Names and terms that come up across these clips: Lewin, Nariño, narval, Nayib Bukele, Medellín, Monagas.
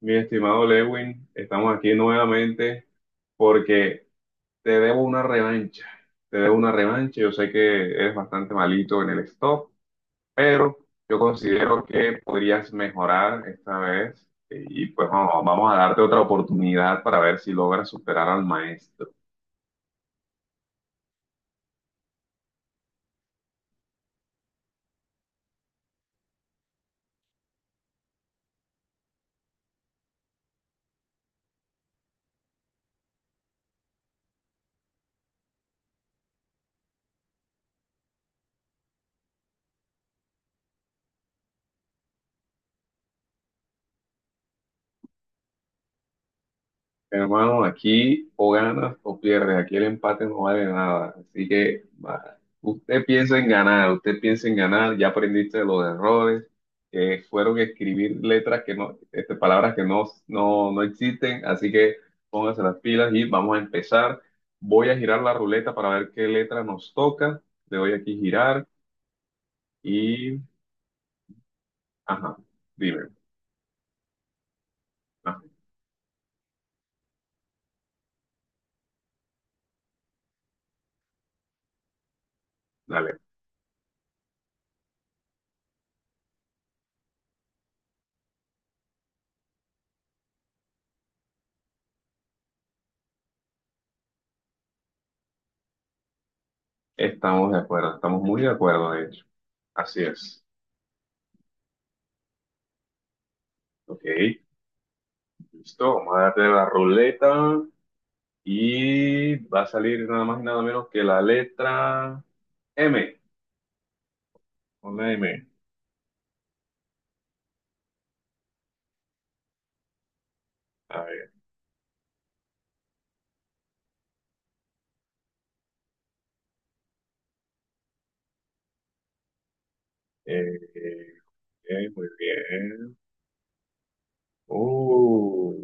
Mi estimado Lewin, estamos aquí nuevamente porque te debo una revancha. Te debo una revancha. Yo sé que eres bastante malito en el stop, pero yo considero que podrías mejorar esta vez y pues vamos a darte otra oportunidad para ver si logras superar al maestro. Hermano, aquí o ganas o pierdes, aquí el empate no vale nada, así que va, usted piensa en ganar, usted piensa en ganar, ya aprendiste de los errores, que fueron escribir letras que no, palabras que no, no, no existen, así que póngase las pilas y vamos a empezar. Voy a girar la ruleta para ver qué letra nos toca, le doy aquí girar y, ajá, dime, ajá, dale, estamos de acuerdo, estamos muy de acuerdo de hecho, así es, ok. Listo, vamos a darle la ruleta y va a salir nada más y nada menos que la letra M. Una M. A ver. eh, muy bien. Uh,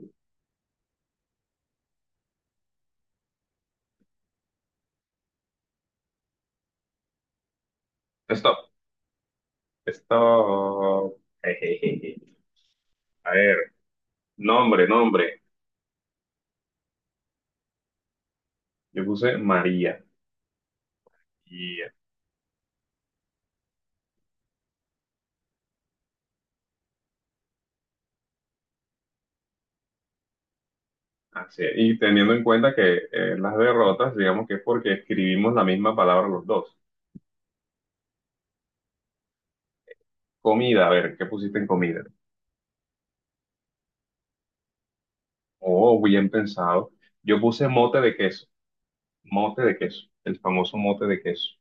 stop. Stop. Ejejeje. A ver, nombre, nombre. Yo puse María. Y así es. Y teniendo en cuenta que las derrotas, digamos que es porque escribimos la misma palabra los dos. Comida, a ver, ¿qué pusiste en comida? Oh, bien pensado. Yo puse mote de queso, el famoso mote de queso,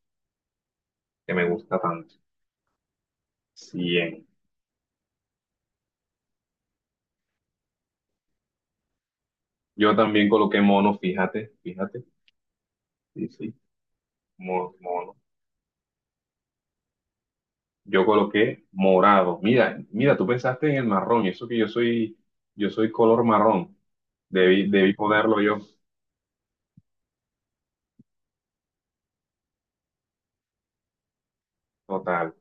que me gusta tanto. Bien. Yo también coloqué mono, fíjate, fíjate. Sí, sí, mono. Yo coloqué morado. Mira, mira, tú pensaste en el marrón, y eso que yo soy color marrón. Debí ponerlo yo, total.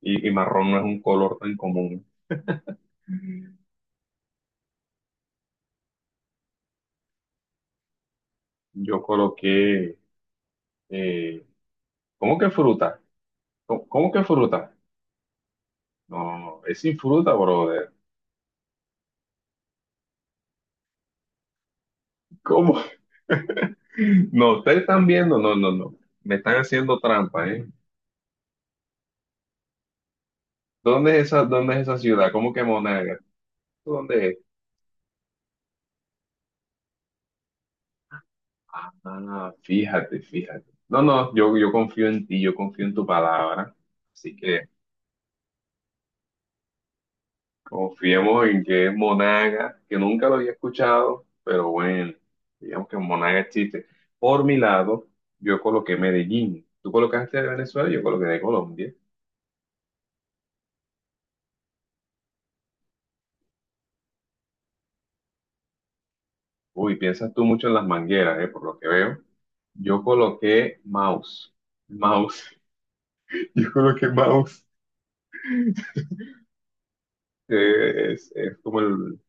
Y marrón no es un color tan común. Yo coloqué. eh, ¿Cómo que fruta? ¿Cómo que fruta? No, es sin fruta, brother. ¿Cómo? No, ustedes están viendo, no, no, no. Me están haciendo trampa, ¿eh? Dónde es esa ciudad? ¿Cómo que Monagas? ¿Dónde es? Ah, fíjate, fíjate. No, no, yo confío en ti, yo confío en tu palabra. Así que confiemos en que es Monagas, que nunca lo había escuchado, pero bueno, digamos que Monagas existe. Por mi lado, yo coloqué Medellín. Tú colocaste de Venezuela, yo coloqué de Colombia. Uy, piensas tú mucho en las mangueras, por lo que veo. Yo coloqué mouse. Mouse. Yo coloqué mouse. Que es como el.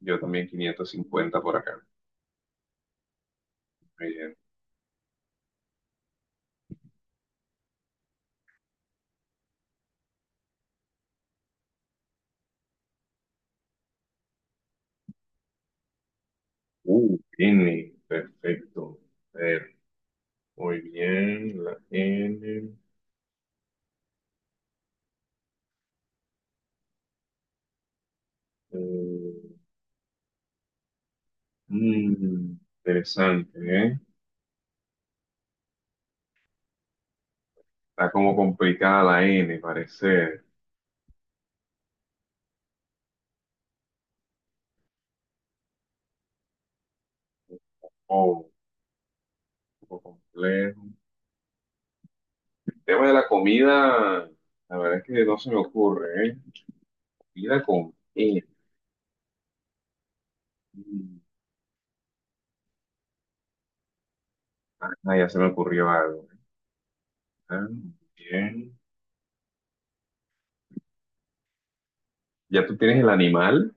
Yo también 550 por acá. Muy bien. N. Perfecto. A ver, muy bien. La N. eh, Interesante, ¿eh? Está como complicada la N, parece. Oh, un poco complejo. El tema de la comida, la verdad es que no se me ocurre, ¿eh? Vida con E. Mm, Ah, ya se me ocurrió algo. Ah, bien. Ya tú tienes el animal.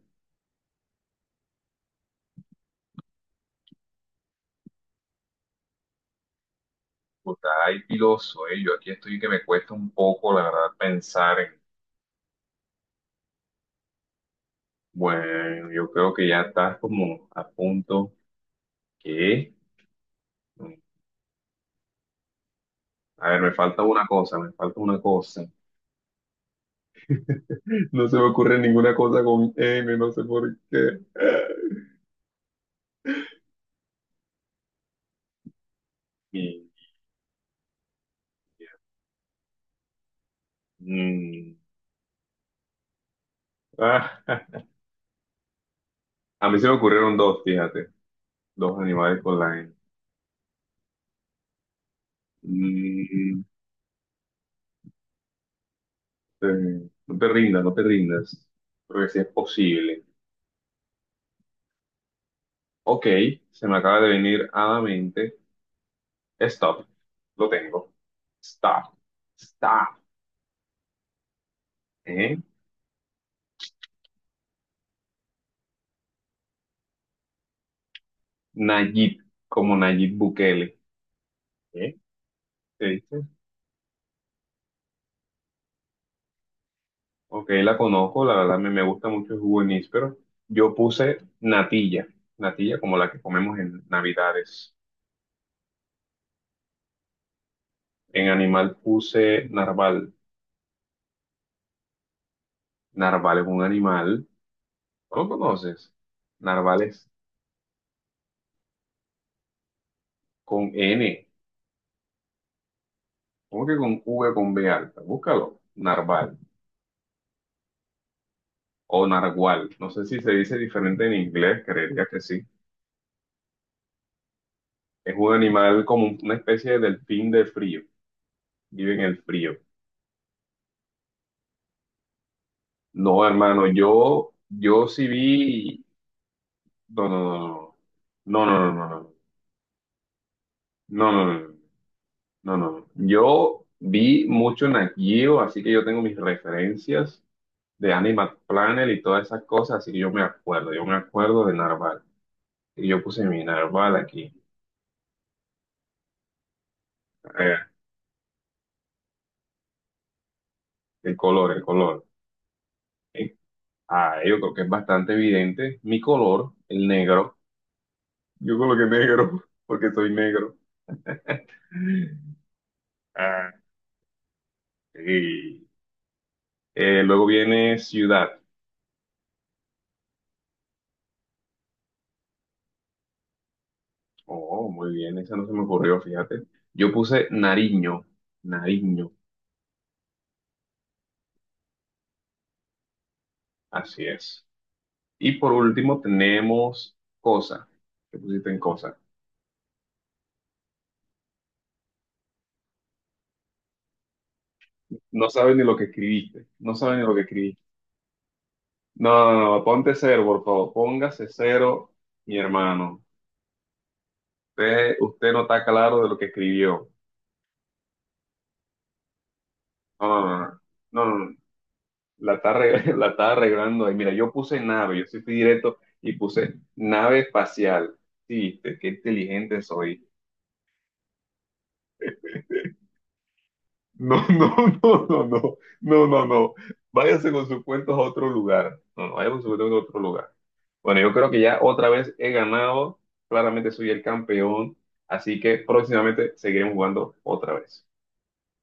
Pues ay, piloso, eh. Yo aquí estoy que me cuesta un poco, la verdad, pensar en. Bueno, yo creo que ya estás como a punto. ¿Qué? A ver, me falta una cosa, me falta una cosa. No se me ocurre ninguna cosa con N, no sé por qué. Y, mm, ah, a mí se me ocurrieron dos, fíjate, dos animales con la N. Mm, Eh, no te rindas, no te rindas. Porque sí es posible. Ok, se me acaba de venir a la mente. Stop. Lo tengo. Stop. Stop. ¿Eh? Nayib, como Nayib Bukele. ¿Eh? ¿Te dice? Ok, la conozco, la verdad me gusta mucho el jugo de níspero. Yo puse natilla, natilla como la que comemos en Navidades. En animal puse narval. Narval es un animal. ¿No lo conoces? Narval es con N. ¿Cómo que con V con B alta? Búscalo. Narval o nargual. No sé si se dice diferente en inglés, creería que sí. Es un animal como una especie de delfín de frío. Vive en el frío. No, hermano, yo sí vi. No, no, no, no, no. No, no, no, no, no, no, no, no, no, no. No. Yo vi mucho Nat Geo, así que yo tengo mis referencias de Animal Planet y todas esas cosas, así que yo me acuerdo de narval. Y yo puse mi narval aquí. El color, el color. Eh, Ah, yo creo que es bastante evidente. Mi color, el negro. Yo coloqué negro porque soy negro. Ah, sí. Luego viene ciudad. Oh, muy bien, esa no se me ocurrió, fíjate. Yo puse Nariño, Nariño, así es. Y por último tenemos cosa. ¿Qué pusiste en cosa? No saben ni lo que escribiste, no saben ni lo que escribiste. No, no, no, no, ponte cero, por favor, póngase cero, mi hermano. Usted no está claro de lo que escribió. No, no, no, no, no, no. No. La está, la está arreglando ahí. Mira, yo puse nave, yo sí fui directo y puse nave espacial. Sí, qué inteligente soy. No, no, no, no, no, no, no, no. Váyase con sus cuentos a otro lugar. No, no, váyase con sus cuentos a otro lugar. Bueno, yo creo que ya otra vez he ganado. Claramente soy el campeón. Así que próximamente seguiremos jugando otra vez.